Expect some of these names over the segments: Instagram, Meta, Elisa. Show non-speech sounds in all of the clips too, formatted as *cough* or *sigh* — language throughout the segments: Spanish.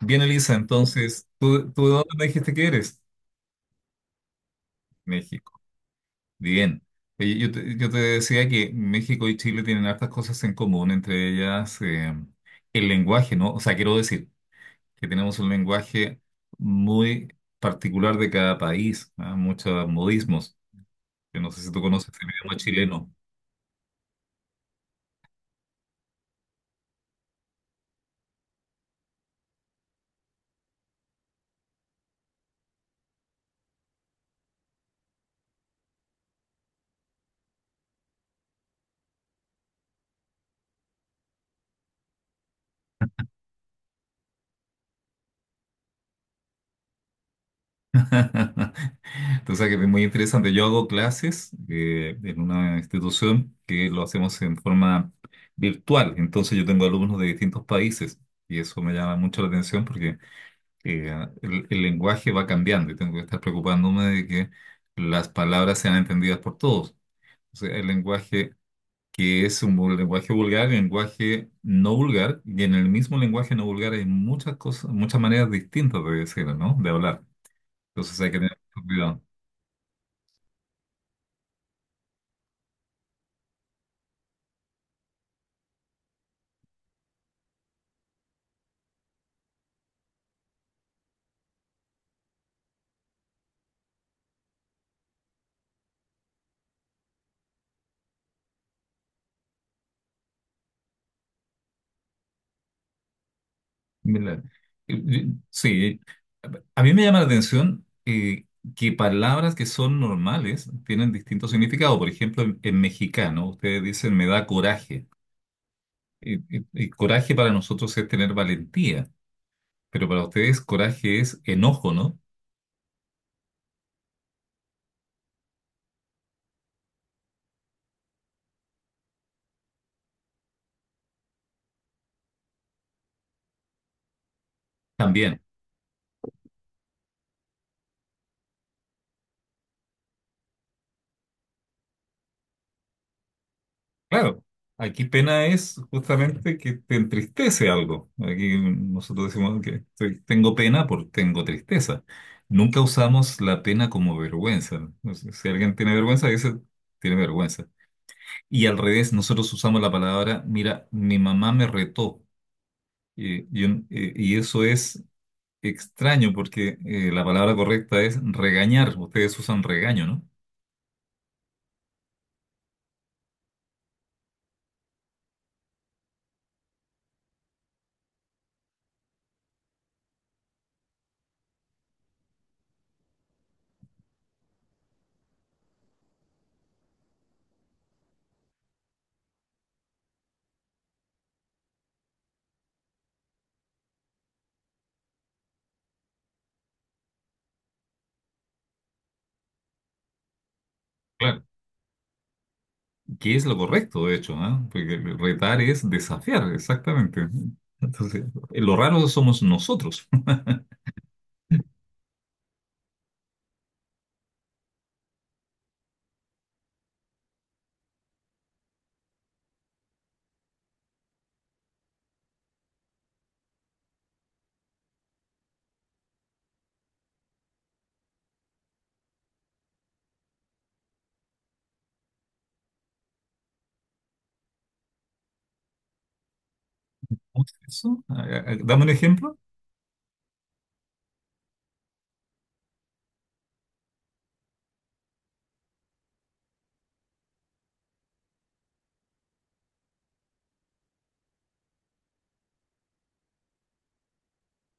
Bien, Elisa, entonces, ¿tú de dónde me dijiste que eres? México. Bien. Oye, yo te decía que México y Chile tienen hartas cosas en común, entre ellas el lenguaje, ¿no? O sea, quiero decir que tenemos un lenguaje muy particular de cada país, ¿ah? Muchos modismos. Yo no sé si tú conoces el idioma chileno. *laughs* Tú sabes que es muy interesante. Yo hago clases en una institución que lo hacemos en forma virtual. Entonces yo tengo alumnos de distintos países y eso me llama mucho la atención porque eh, el lenguaje va cambiando y tengo que estar preocupándome de que las palabras sean entendidas por todos. O sea, el lenguaje que es un lenguaje vulgar, el lenguaje no vulgar y en el mismo lenguaje no vulgar hay muchas cosas, muchas maneras distintas de decirlo, ¿no? De hablar. Entonces hay que tener mucho cuidado. Mira, sí, a mí me llama la atención que palabras que son normales tienen distinto significado. Por ejemplo, en mexicano, ustedes dicen me da coraje. Coraje para nosotros es tener valentía, pero para ustedes coraje es enojo, ¿no? También. Claro, aquí pena es justamente que te entristece algo. Aquí nosotros decimos que tengo pena por tengo tristeza. Nunca usamos la pena como vergüenza. O sea, si alguien tiene vergüenza, dice tiene vergüenza. Y al revés, nosotros usamos la palabra, mira, mi mamá me retó. Y eso es extraño porque la palabra correcta es regañar. Ustedes usan regaño, ¿no? Claro, que es lo correcto, de hecho, ¿ah? Porque retar es desafiar, exactamente. Entonces, lo raro somos nosotros. *laughs* ¿Cómo es eso? Dame un ejemplo.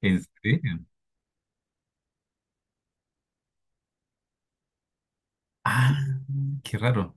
¿En serio? Ah, qué raro.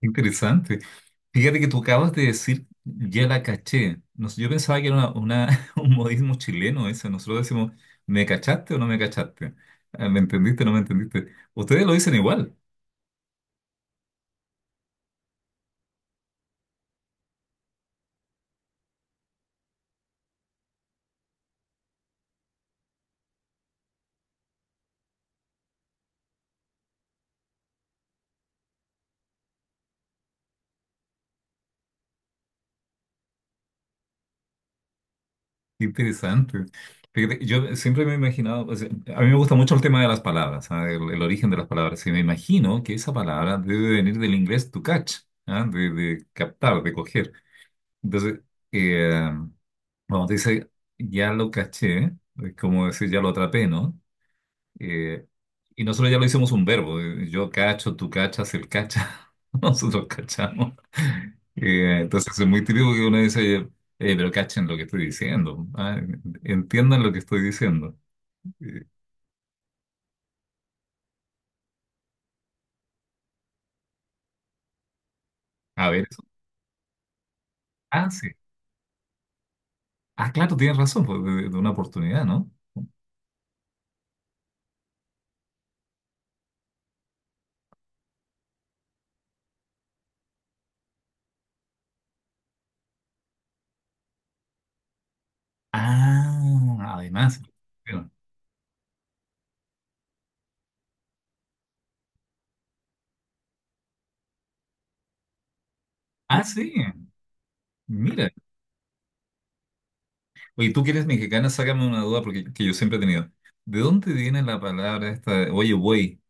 Qué interesante. Fíjate que tú acabas de decir, ya la caché. No sé, yo pensaba que era *laughs* un modismo chileno ese. Nosotros decimos, ¿me cachaste o no me cachaste? Ah, ¿me entendiste o no me entendiste? Ustedes lo dicen igual. Qué interesante. Fíjate, yo siempre me he imaginado, o sea, a mí me gusta mucho el tema de las palabras, ¿ah? El origen de las palabras. Y me imagino que esa palabra debe venir del inglés to catch, ¿ah? De captar, de coger. Entonces, eh, cuando te dice ya lo caché, es como decir ya lo atrapé, ¿no? Eh, y nosotros ya lo hicimos un verbo. Yo cacho, tú cachas, él cacha. *laughs* Nosotros cachamos. Entonces es muy típico que uno dice, oye, pero cachen lo que estoy diciendo. Entiendan lo que estoy diciendo. Eh, a ver, eso. Ah, sí. Ah, claro, tienes razón, pues, de una oportunidad, ¿no? Ah, además. Bueno, ah, sí. Mira. Oye, tú que eres mexicana, sácame una duda porque que yo siempre he tenido. ¿De dónde viene la palabra esta, de, oye, güey?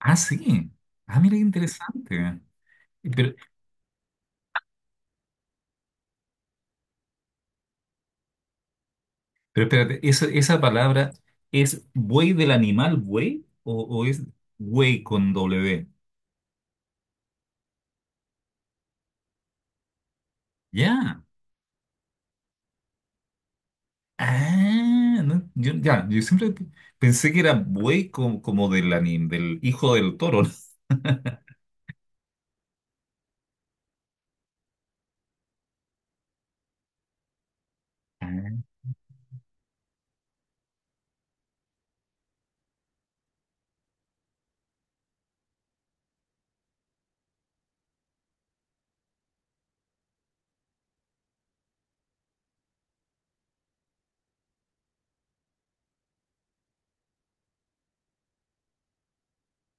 Ah, sí. Ah, mira qué interesante. Pero, pero espérate, ¿esa palabra es buey del animal buey o es buey con W? Ya. Ah, no, yo siempre pensé que era buey como, como del, del hijo del toro. *laughs*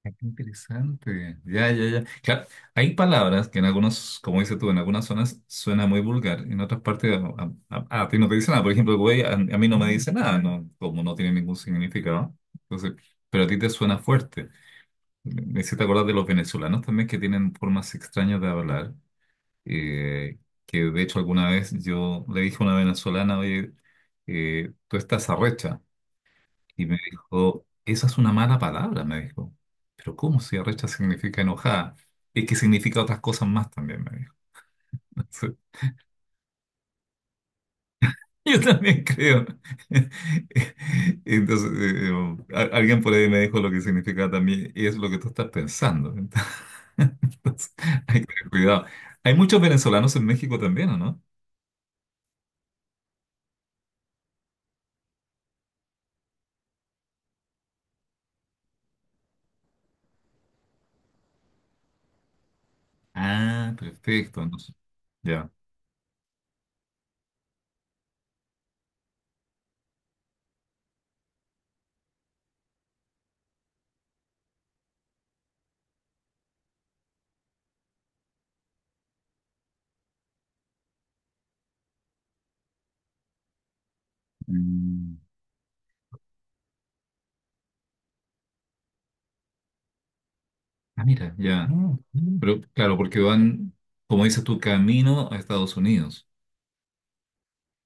Ah, qué interesante. Ya. Claro, hay palabras que en algunos, como dices tú, en algunas zonas suena muy vulgar, en otras partes a ti no te dice nada. Por ejemplo, güey, a mí no me dice nada, no, como no tiene ningún significado. Entonces, pero a ti te suena fuerte. Me hiciste acordar de los venezolanos también que tienen formas extrañas de hablar. eh, que de hecho alguna vez yo le dije a una venezolana, oye, tú estás arrecha. Y me dijo, esa es una mala palabra, me dijo. Pero ¿cómo si arrecha significa enojada? Es que significa otras cosas más también, me dijo. *laughs* Entonces, yo también creo. *laughs* Entonces, alguien por ahí me dijo lo que significa también, y es lo que tú estás pensando. *laughs* Entonces, hay que tener cuidado. Hay muchos venezolanos en México también, ¿o no? Ah, perfecto. Entonces, ya. Mm. Ah, mira, ya. Mm. Pero claro, porque van, como dices tú, camino a Estados Unidos.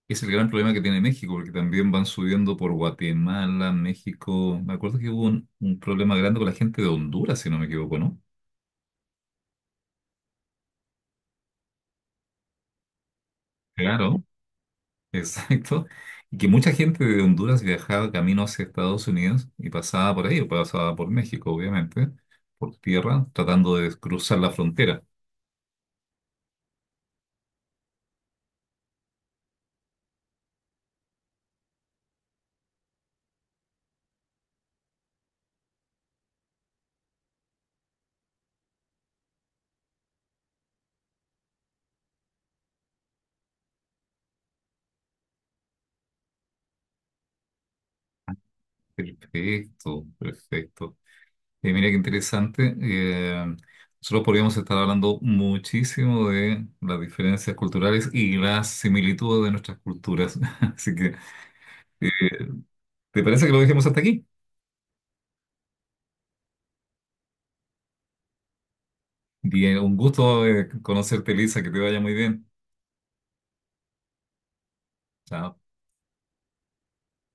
Es el gran problema que tiene México, porque también van subiendo por Guatemala, México. Me acuerdo que hubo un problema grande con la gente de Honduras, si no me equivoco, ¿no? Claro, *laughs* exacto. Y que mucha gente de Honduras viajaba camino hacia Estados Unidos y pasaba por ahí, o pasaba por México, obviamente, por tierra, tratando de cruzar la frontera. Perfecto, perfecto. Mira qué interesante. Nosotros podríamos estar hablando muchísimo de las diferencias culturales y las similitudes de nuestras culturas. *laughs* Así que, eh, ¿te parece que lo dejemos hasta aquí? Bien, un gusto conocerte, Lisa, que te vaya muy bien. Chao.